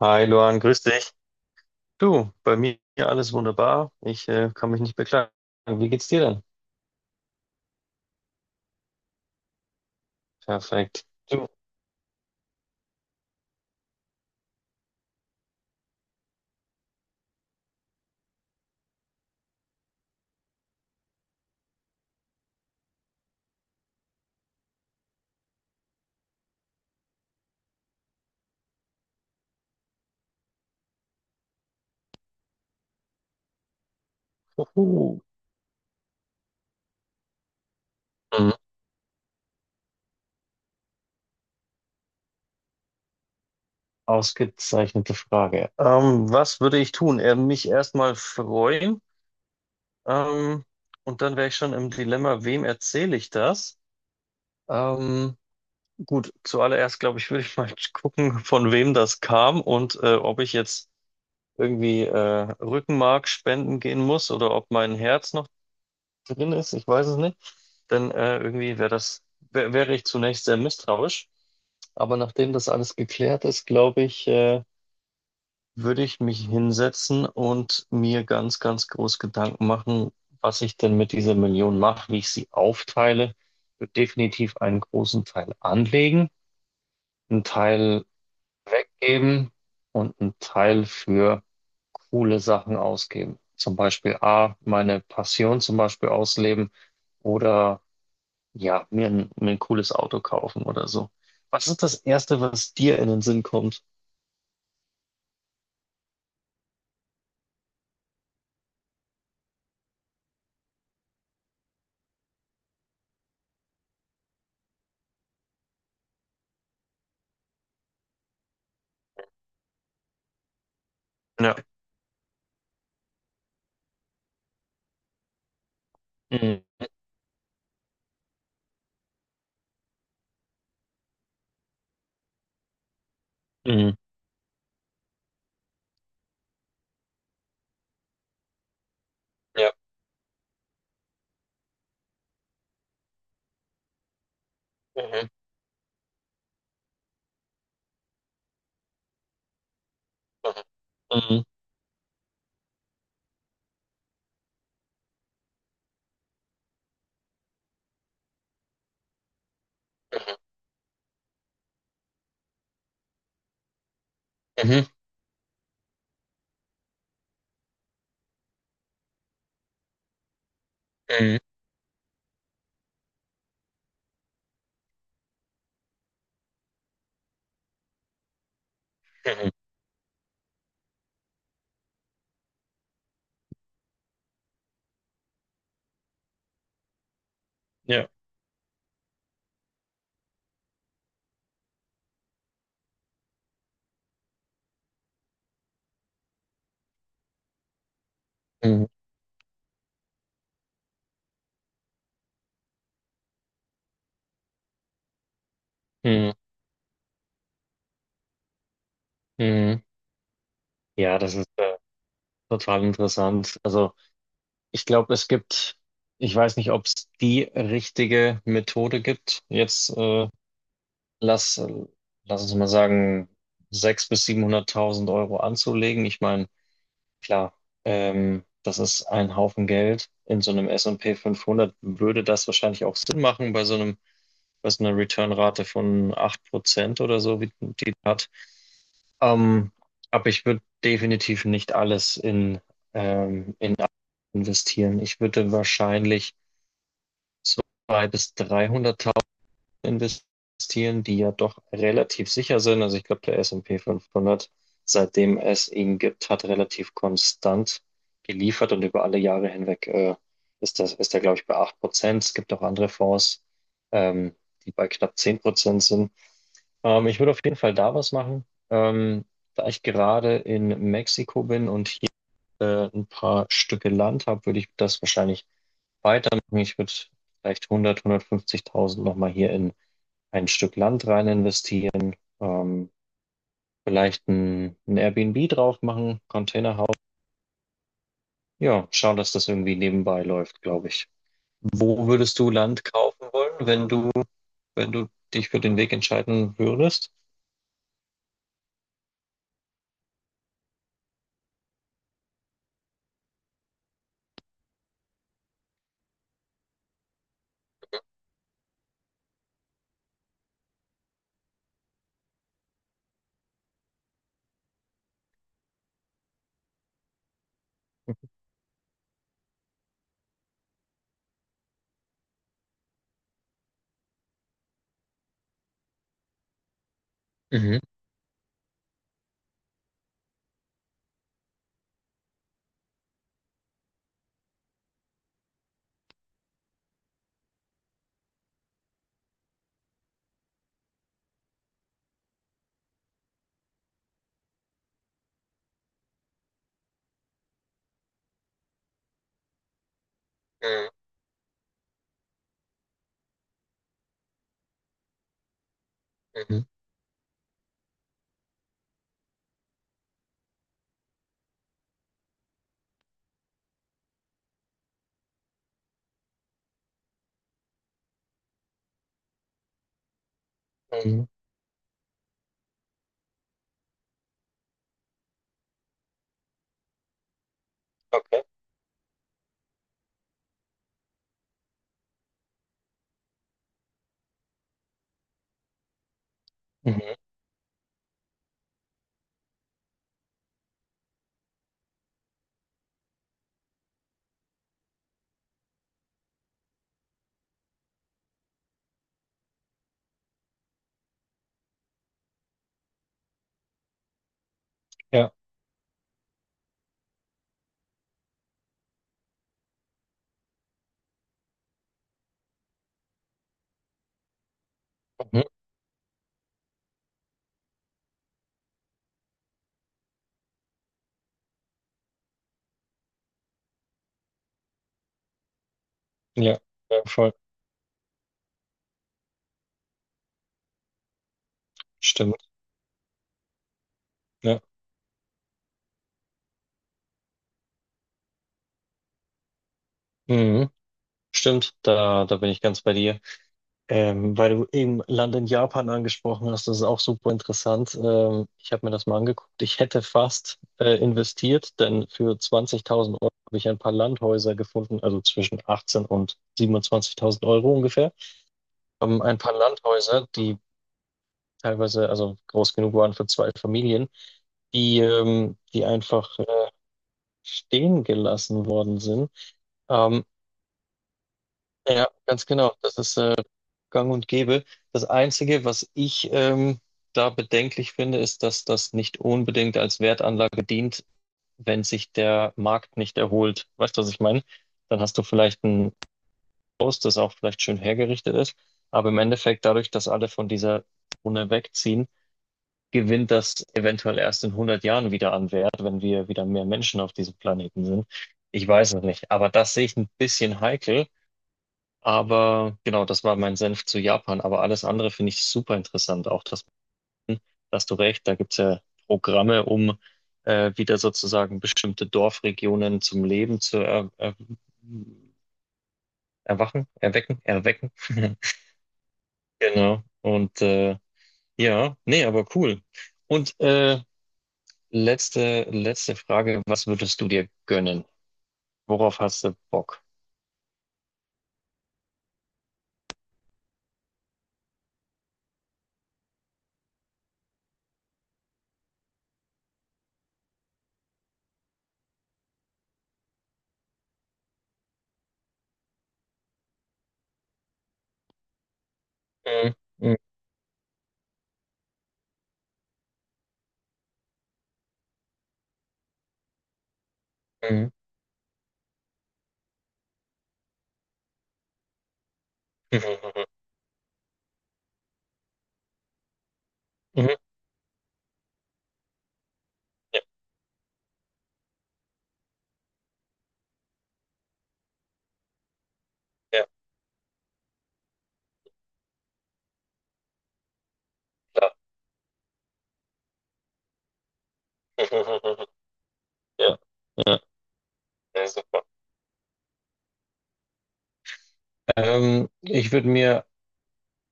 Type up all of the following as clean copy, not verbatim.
Hi Luan, grüß dich. Du, bei mir alles wunderbar. Ich kann mich nicht beklagen. Wie geht's dir denn? Perfekt. Du, uhu. Mhm. Ausgezeichnete Frage. Was würde ich tun? Mich erstmal freuen. Ähm, und dann wäre ich schon im Dilemma, wem erzähle ich das? Ähm, gut, zuallererst glaube ich, würde ich mal gucken, von wem das kam und ob ich jetzt irgendwie Rückenmark spenden gehen muss oder ob mein Herz noch drin ist, ich weiß es nicht. Dann irgendwie wäre ich zunächst sehr misstrauisch. Aber nachdem das alles geklärt ist, glaube ich, würde ich mich hinsetzen und mir ganz, ganz groß Gedanken machen, was ich denn mit dieser Million mache, wie ich sie aufteile. Ich würde definitiv einen großen Teil anlegen, einen Teil weggeben und einen Teil für coole Sachen ausgeben. Zum Beispiel A, meine Passion zum Beispiel ausleben oder ja, mir ein cooles Auto kaufen oder so. Was ist das Erste, was dir in den Sinn kommt? Ja. Mhm. Mhm. Ja. Mhm. Mhm. Mhm. Mhm. Mhm. Ja. Mhm. Mhm. Mhm. Ja, das ist total interessant. Also ich glaube, ich weiß nicht, ob es die richtige Methode gibt. Jetzt lass, lass uns mal sagen, 600.000 bis 700.000 € anzulegen. Ich meine, klar, das ist ein Haufen Geld. In so einem S&P 500 würde das wahrscheinlich auch Sinn machen bei so einem, bei so einer Return-Rate von 8% oder so, wie die hat. Ähm, aber ich würde definitiv nicht alles in investieren. Ich würde wahrscheinlich 200.000 bis 300.000 investieren, die ja doch relativ sicher sind. Also ich glaube, der S&P 500, seitdem es ihn gibt, hat relativ konstant geliefert, und über alle Jahre hinweg ist er, glaube ich, bei 8%. Es gibt auch andere Fonds, ähm, die bei knapp 10% sind. Ich würde auf jeden Fall da was machen. Da ich gerade in Mexiko bin und hier ein paar Stücke Land habe, würde ich das wahrscheinlich weitermachen. Ich würde vielleicht 100, 150.000 nochmal hier in ein Stück Land rein investieren. Vielleicht ein Airbnb drauf machen, Containerhaus. Ja, schauen, dass das irgendwie nebenbei läuft, glaube ich. Wo würdest du Land kaufen wollen, wenn du dich für den Weg entscheiden würdest? Mhm. Mhm. Mhm. Mhm. Okay. Mhm. Ja. Mhm. Ja. Ja, voll. Stimmt. Ja. Mhm. Stimmt. Da bin ich ganz bei dir. Weil du eben Land in Japan angesprochen hast, das ist auch super interessant. Ich habe mir das mal angeguckt. Ich hätte fast investiert, denn für 20.000 € habe ich ein paar Landhäuser gefunden, also zwischen 18 und 27.000 € ungefähr. Ein paar Landhäuser, die teilweise also groß genug waren für zwei Familien, die einfach stehen gelassen worden sind. Ähm, ja, ganz genau. Das ist gang und gäbe. Das Einzige, was ich da bedenklich finde, ist, dass das nicht unbedingt als Wertanlage dient, wenn sich der Markt nicht erholt. Weißt du, was ich meine? Dann hast du vielleicht ein Haus, das auch vielleicht schön hergerichtet ist, aber im Endeffekt, dadurch, dass alle von dieser Zone wegziehen, gewinnt das eventuell erst in 100 Jahren wieder an Wert, wenn wir wieder mehr Menschen auf diesem Planeten sind. Ich weiß es nicht, aber das sehe ich ein bisschen heikel, aber genau, das war mein Senf zu Japan. Aber alles andere finde ich super interessant. Auch das, da hast du recht, da gibt es ja Programme, um wieder sozusagen bestimmte Dorfregionen zum Leben zu erwachen, erwecken, erwecken. Genau. Und ja, nee, aber cool. Und letzte Frage, was würdest du dir gönnen? Worauf hast du Bock? Mhm. Mhm. Mhm. Mhm. Mhm. Mhm. Ja, ja, klar. Ja. Ja, super. Ich würde mir,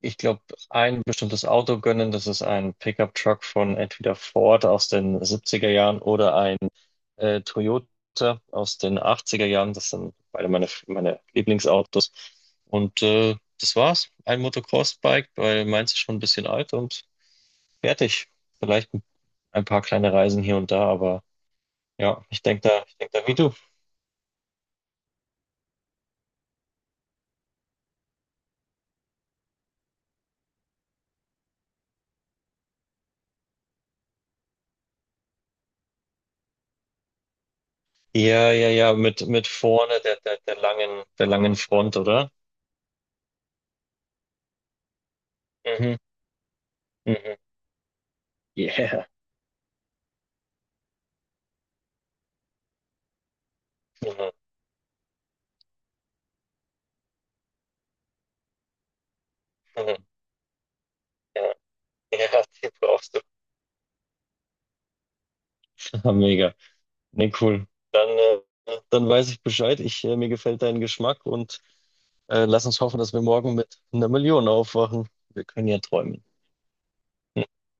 ich glaube, ein bestimmtes Auto gönnen. Das ist ein Pickup-Truck von entweder Ford aus den 70 Jahren oder ein Toyota aus den 80 Jahren. Das sind beide meine Lieblingsautos. Und das war's. Ein Motocross-Bike, weil meins ist schon ein bisschen alt und fertig. Vielleicht ein paar kleine Reisen hier und da, aber ja, ich denk da wie du. Ja, ja, ja, mit vorne der langen Front, oder? Mhm. Mhm. Yeah. Mhm. Mhm. Ja, ja, die brauchst du. Ah, mega. Ne, cool. Dann weiß ich Bescheid. Mir gefällt dein Geschmack, und lass uns hoffen, dass wir morgen mit einer Million aufwachen. Wir können ja träumen.